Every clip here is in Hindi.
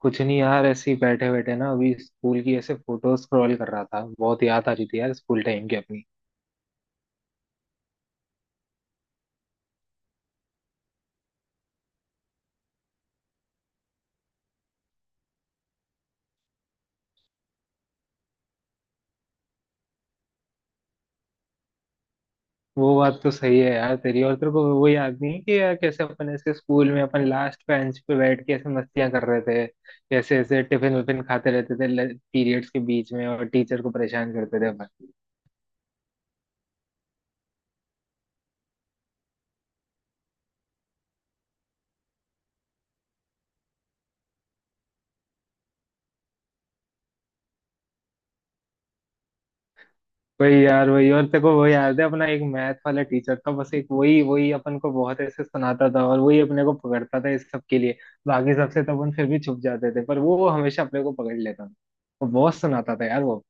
कुछ नहीं यार। ऐसे ही बैठे बैठे ना, अभी स्कूल की ऐसे फोटो स्क्रॉल कर रहा था। बहुत याद आ रही थी यार स्कूल टाइम की अपनी। वो बात तो सही है यार तेरी। और तेरे को वो याद नहीं है कि यार कैसे अपन ऐसे स्कूल में अपन लास्ट बेंच पे बैठ के ऐसे मस्तियां कर रहे थे, कैसे ऐसे टिफिन विफिन खाते रहते थे पीरियड्स के बीच में और टीचर को परेशान करते थे अपन। वही यार वही। और तेरे को वो याद है अपना एक मैथ वाला टीचर था, बस एक वही वही अपन को बहुत ऐसे सुनाता था और वही अपने को पकड़ता था इस सब के लिए। बाकी सबसे तो अपन फिर भी छुप जाते थे पर वो हमेशा अपने को पकड़ लेता था। वो बहुत सुनाता था यार वो।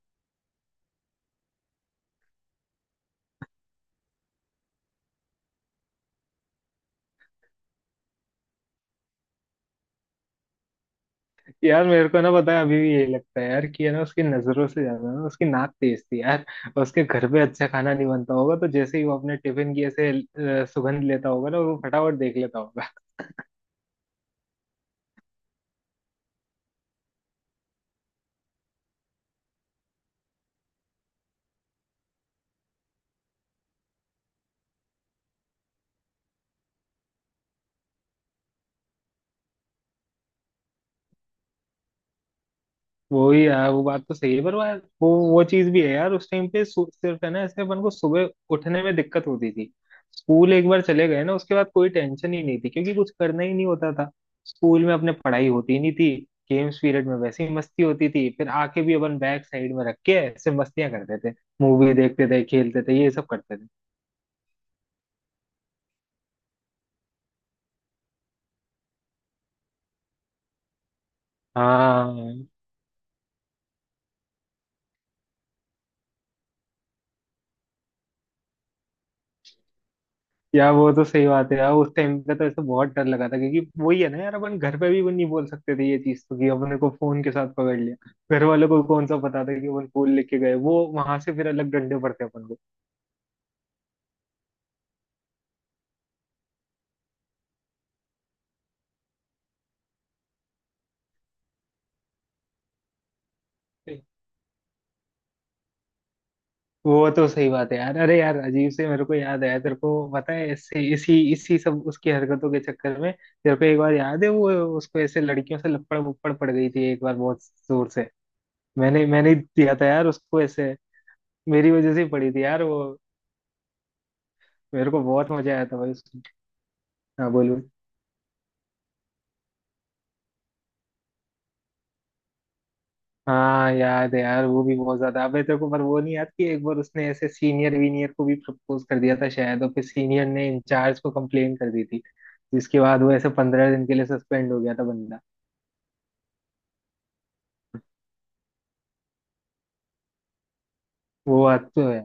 यार मेरे को ना पता है अभी भी यही लगता है यार कि है ना, उसकी नजरों से ज्यादा ना उसकी नाक तेज थी यार। उसके घर पे अच्छा खाना नहीं बनता होगा तो जैसे ही वो अपने टिफिन की ऐसे सुगंध लेता होगा ना, वो फटाफट देख लेता होगा। वो ही यार। वो बात तो सही है पर वो यार, वो चीज भी है यार उस टाइम पे सिर्फ है ना ऐसे अपन को सुबह उठने में दिक्कत होती थी। स्कूल एक बार चले गए ना उसके बाद कोई टेंशन ही नहीं थी क्योंकि कुछ करना ही नहीं होता था। स्कूल में अपने पढ़ाई होती नहीं थी। गेम्स पीरियड में वैसे ही मस्ती होती थी। फिर आके भी अपन बैक साइड में रख के ऐसे मस्तियां करते थे, मूवी देखते थे, खेलते थे, ये सब करते थे। हाँ। यार वो तो सही बात है यार उस टाइम पे तो ऐसे बहुत डर लगा था क्योंकि वही है ना यार, अपन घर पे भी नहीं बोल सकते थे ये चीज तो कि अपने को फोन के साथ पकड़ लिया। घर वालों को कौन सा पता था कि अपन फूल लेके गए, वो वहां से फिर अलग डंडे पड़ते अपन को। वो तो सही बात है यार। अरे यार अजीब से मेरे को याद आया। तेरे को पता है ऐसे इसी इसी सब उसकी हरकतों के चक्कर में तेरे को एक बार याद है वो, उसको ऐसे लड़कियों से लपड़ वपड़ पड़ गई थी एक बार बहुत जोर से। मैंने मैंने ही दिया था यार उसको ऐसे। मेरी वजह से ही पड़ी थी यार वो। मेरे को बहुत मजा आया था भाई। हाँ बोलूँ। हाँ याद है यार वो भी बहुत ज्यादा अबे। तेरे को पर वो नहीं याद कि एक बार उसने ऐसे सीनियर वीनियर को भी प्रपोज कर दिया था शायद, और फिर सीनियर ने इंचार्ज को कंप्लेन कर दी थी, जिसके बाद वो ऐसे 15 दिन के लिए सस्पेंड हो गया था बंदा। वो बात तो है।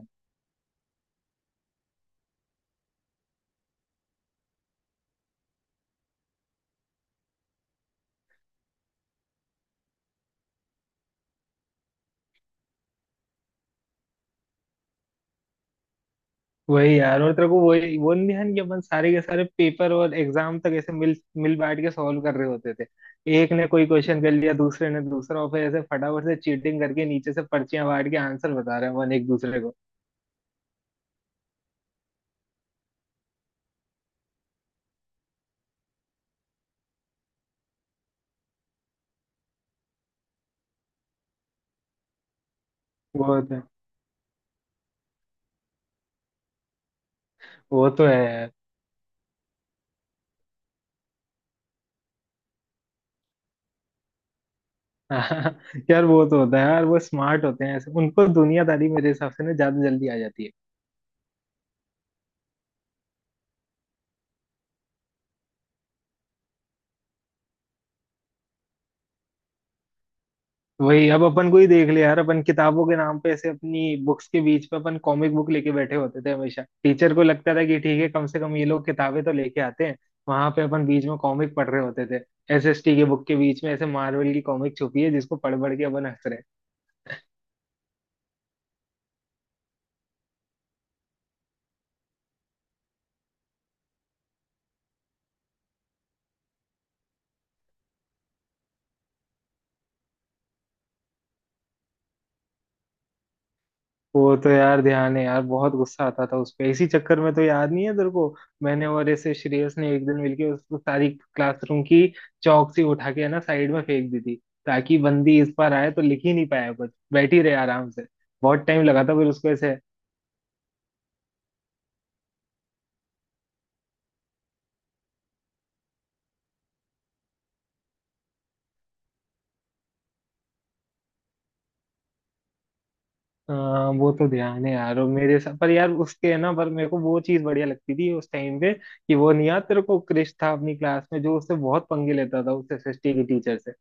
वही यार। और तेरे को वही वो नहीं ध्यान कि अपन सारे के सारे पेपर और एग्जाम तक ऐसे मिल मिल बैठ के सॉल्व कर रहे होते थे। एक ने कोई क्वेश्चन कर लिया, दूसरे ने दूसरा, और फिर ऐसे फटाफट से चीटिंग करके नीचे से पर्चियां बांट के आंसर बता रहे हैं अपन एक दूसरे को। वो तो वो तो है। हाँ। यार वो तो होता है यार। वो स्मार्ट होते हैं ऐसे, उनको दुनियादारी मेरे हिसाब से ना ज्यादा जल्दी आ जाती है। वही अब अपन को ही देख ले यार। अपन किताबों के नाम पे ऐसे अपनी बुक्स के बीच पे अपन कॉमिक बुक लेके बैठे होते थे। हमेशा टीचर को लगता था कि ठीक है, कम से कम ये लोग किताबें तो लेके आते हैं। वहां पे अपन बीच में कॉमिक पढ़ रहे होते थे। एसएसटी के बुक के बीच में ऐसे मार्वल की कॉमिक छुपी है जिसको पढ़ पढ़ के अपन हंस रहे हैं। वो तो यार ध्यान है यार। बहुत गुस्सा आता था उस पे। इसी चक्कर में तो याद नहीं है तेरे को, मैंने और ऐसे श्रेयस ने एक दिन मिलके उस सारी क्लासरूम की चौक से उठा के है ना साइड में फेंक दी थी, ताकि बंदी इस बार आए तो लिख ही नहीं पाया कुछ, बैठी रहे आराम से। बहुत टाइम लगा था फिर उसको ऐसे। हाँ वो तो ध्यान है यार। और मेरे साथ पर यार उसके है ना, पर मेरे को वो चीज बढ़िया लगती थी उस टाइम पे कि वो नहीं याद तेरे को क्रिश था अपनी क्लास में जो उससे बहुत पंगे लेता था उस एसएसटी की टीचर से।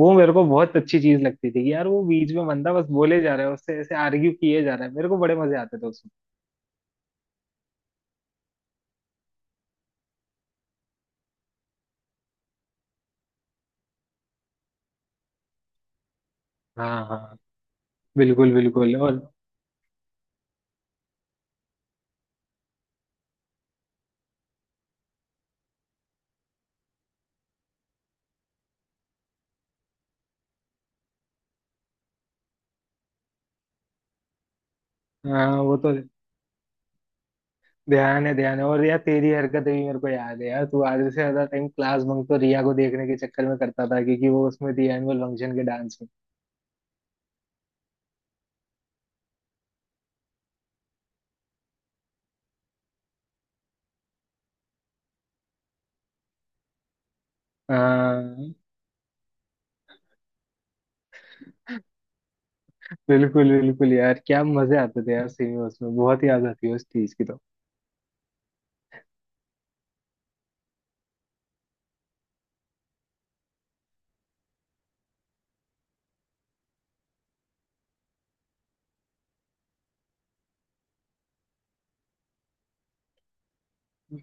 वो मेरे को बहुत अच्छी चीज लगती थी कि यार वो बीच में बंदा बस बोले जा रहा है, उससे ऐसे आर्ग्यू किए जा रहा है, मेरे को बड़े मजे आते थे उसमें। हाँ हाँ। बिल्कुल बिल्कुल और। हाँ। वो तो ध्यान है ध्यान है। और यार तेरी हरकतें भी मेरे को याद है यार। तू आधे से ज्यादा टाइम क्लास बंक तो रिया को देखने के चक्कर में करता था क्योंकि वो उसमें थी एनुअल फंक्शन के डांस में। हाँ बिल्कुल बिल्कुल यार। क्या मजे आते थे यार सिनेमास में। बहुत याद आती है उस चीज की तो।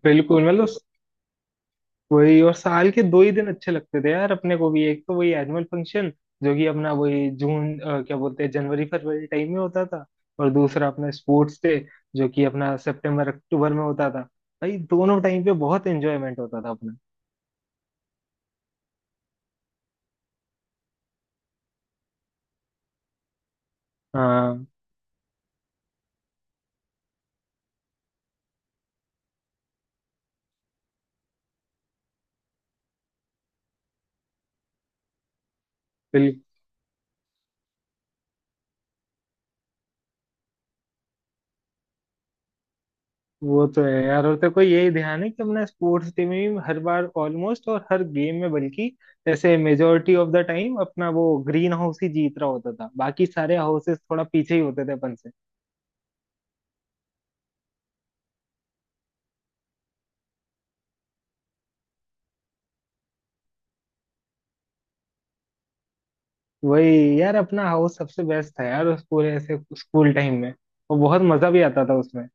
बिल्कुल, मतलब वही। और साल के दो ही दिन अच्छे लगते थे यार अपने को भी। एक तो वही एनुअल फंक्शन, जो कि अपना वही जून क्या बोलते हैं जनवरी फरवरी टाइम में होता था। और दूसरा अपना स्पोर्ट्स डे, जो कि अपना सितंबर अक्टूबर में होता था। भाई दोनों टाइम पे बहुत एंजॉयमेंट होता था अपना। हाँ वो तो है यार। और तेरे को यही ध्यान है कि हमने स्पोर्ट्स टीम में भी हर बार ऑलमोस्ट, और हर गेम में बल्कि जैसे मेजोरिटी ऑफ द टाइम अपना वो ग्रीन हाउस ही जीत रहा होता था, बाकी सारे हाउसेस थोड़ा पीछे ही होते थे अपन से। वही यार अपना हाउस सबसे बेस्ट था यार उस पूरे ऐसे स्कूल टाइम में। और बहुत मजा भी आता था उसमें।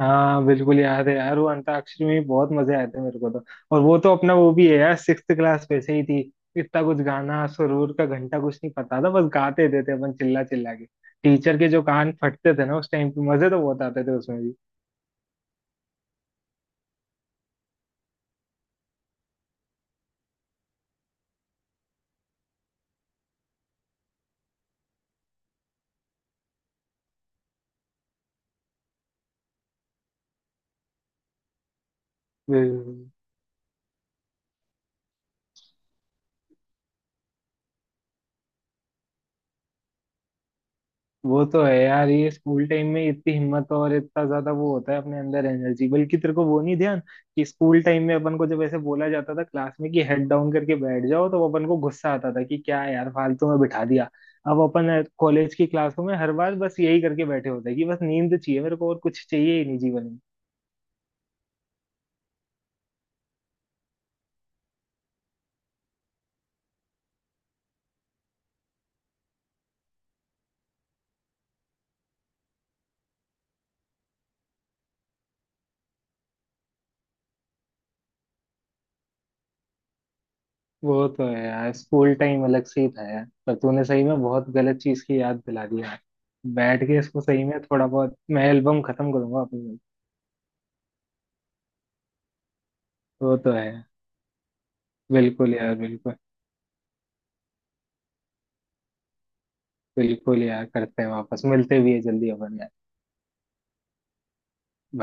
हाँ बिल्कुल याद है यार। वो अंताक्षरी में भी बहुत मजे आए थे मेरे को तो। और वो तो अपना वो भी है यार, सिक्स्थ क्लास वैसे ही थी। इतना कुछ गाना सुरूर का घंटा कुछ नहीं पता था, बस गाते थे अपन चिल्ला चिल्ला के। टीचर के जो कान फटते थे ना उस टाइम पे, मजे तो बहुत आते थे उसमें भी। बिल्कुल। वो तो है यार। ये स्कूल टाइम में इतनी हिम्मत और इतना ज्यादा वो होता है अपने अंदर एनर्जी। बल्कि तेरे को वो नहीं ध्यान कि स्कूल टाइम में अपन को जब ऐसे बोला जाता था क्लास में कि हेड डाउन करके बैठ जाओ, तो अपन को गुस्सा आता था कि क्या यार फालतू में बिठा दिया। अब अपन कॉलेज की क्लासों में हर बार बस यही करके बैठे होते हैं कि बस नींद चाहिए मेरे को, और कुछ चाहिए ही नहीं जीवन में। वो तो है यार, स्कूल टाइम अलग से ही था यार। पर तूने सही में बहुत गलत चीज की याद दिला दी यार। बैठ के इसको सही में थोड़ा बहुत मैं एल्बम खत्म करूंगा अपनी। तो है। बिल्कुल यार, बिल्कुल। बिल्कुल यार, करते हैं, वापस मिलते भी है जल्दी अपन यार।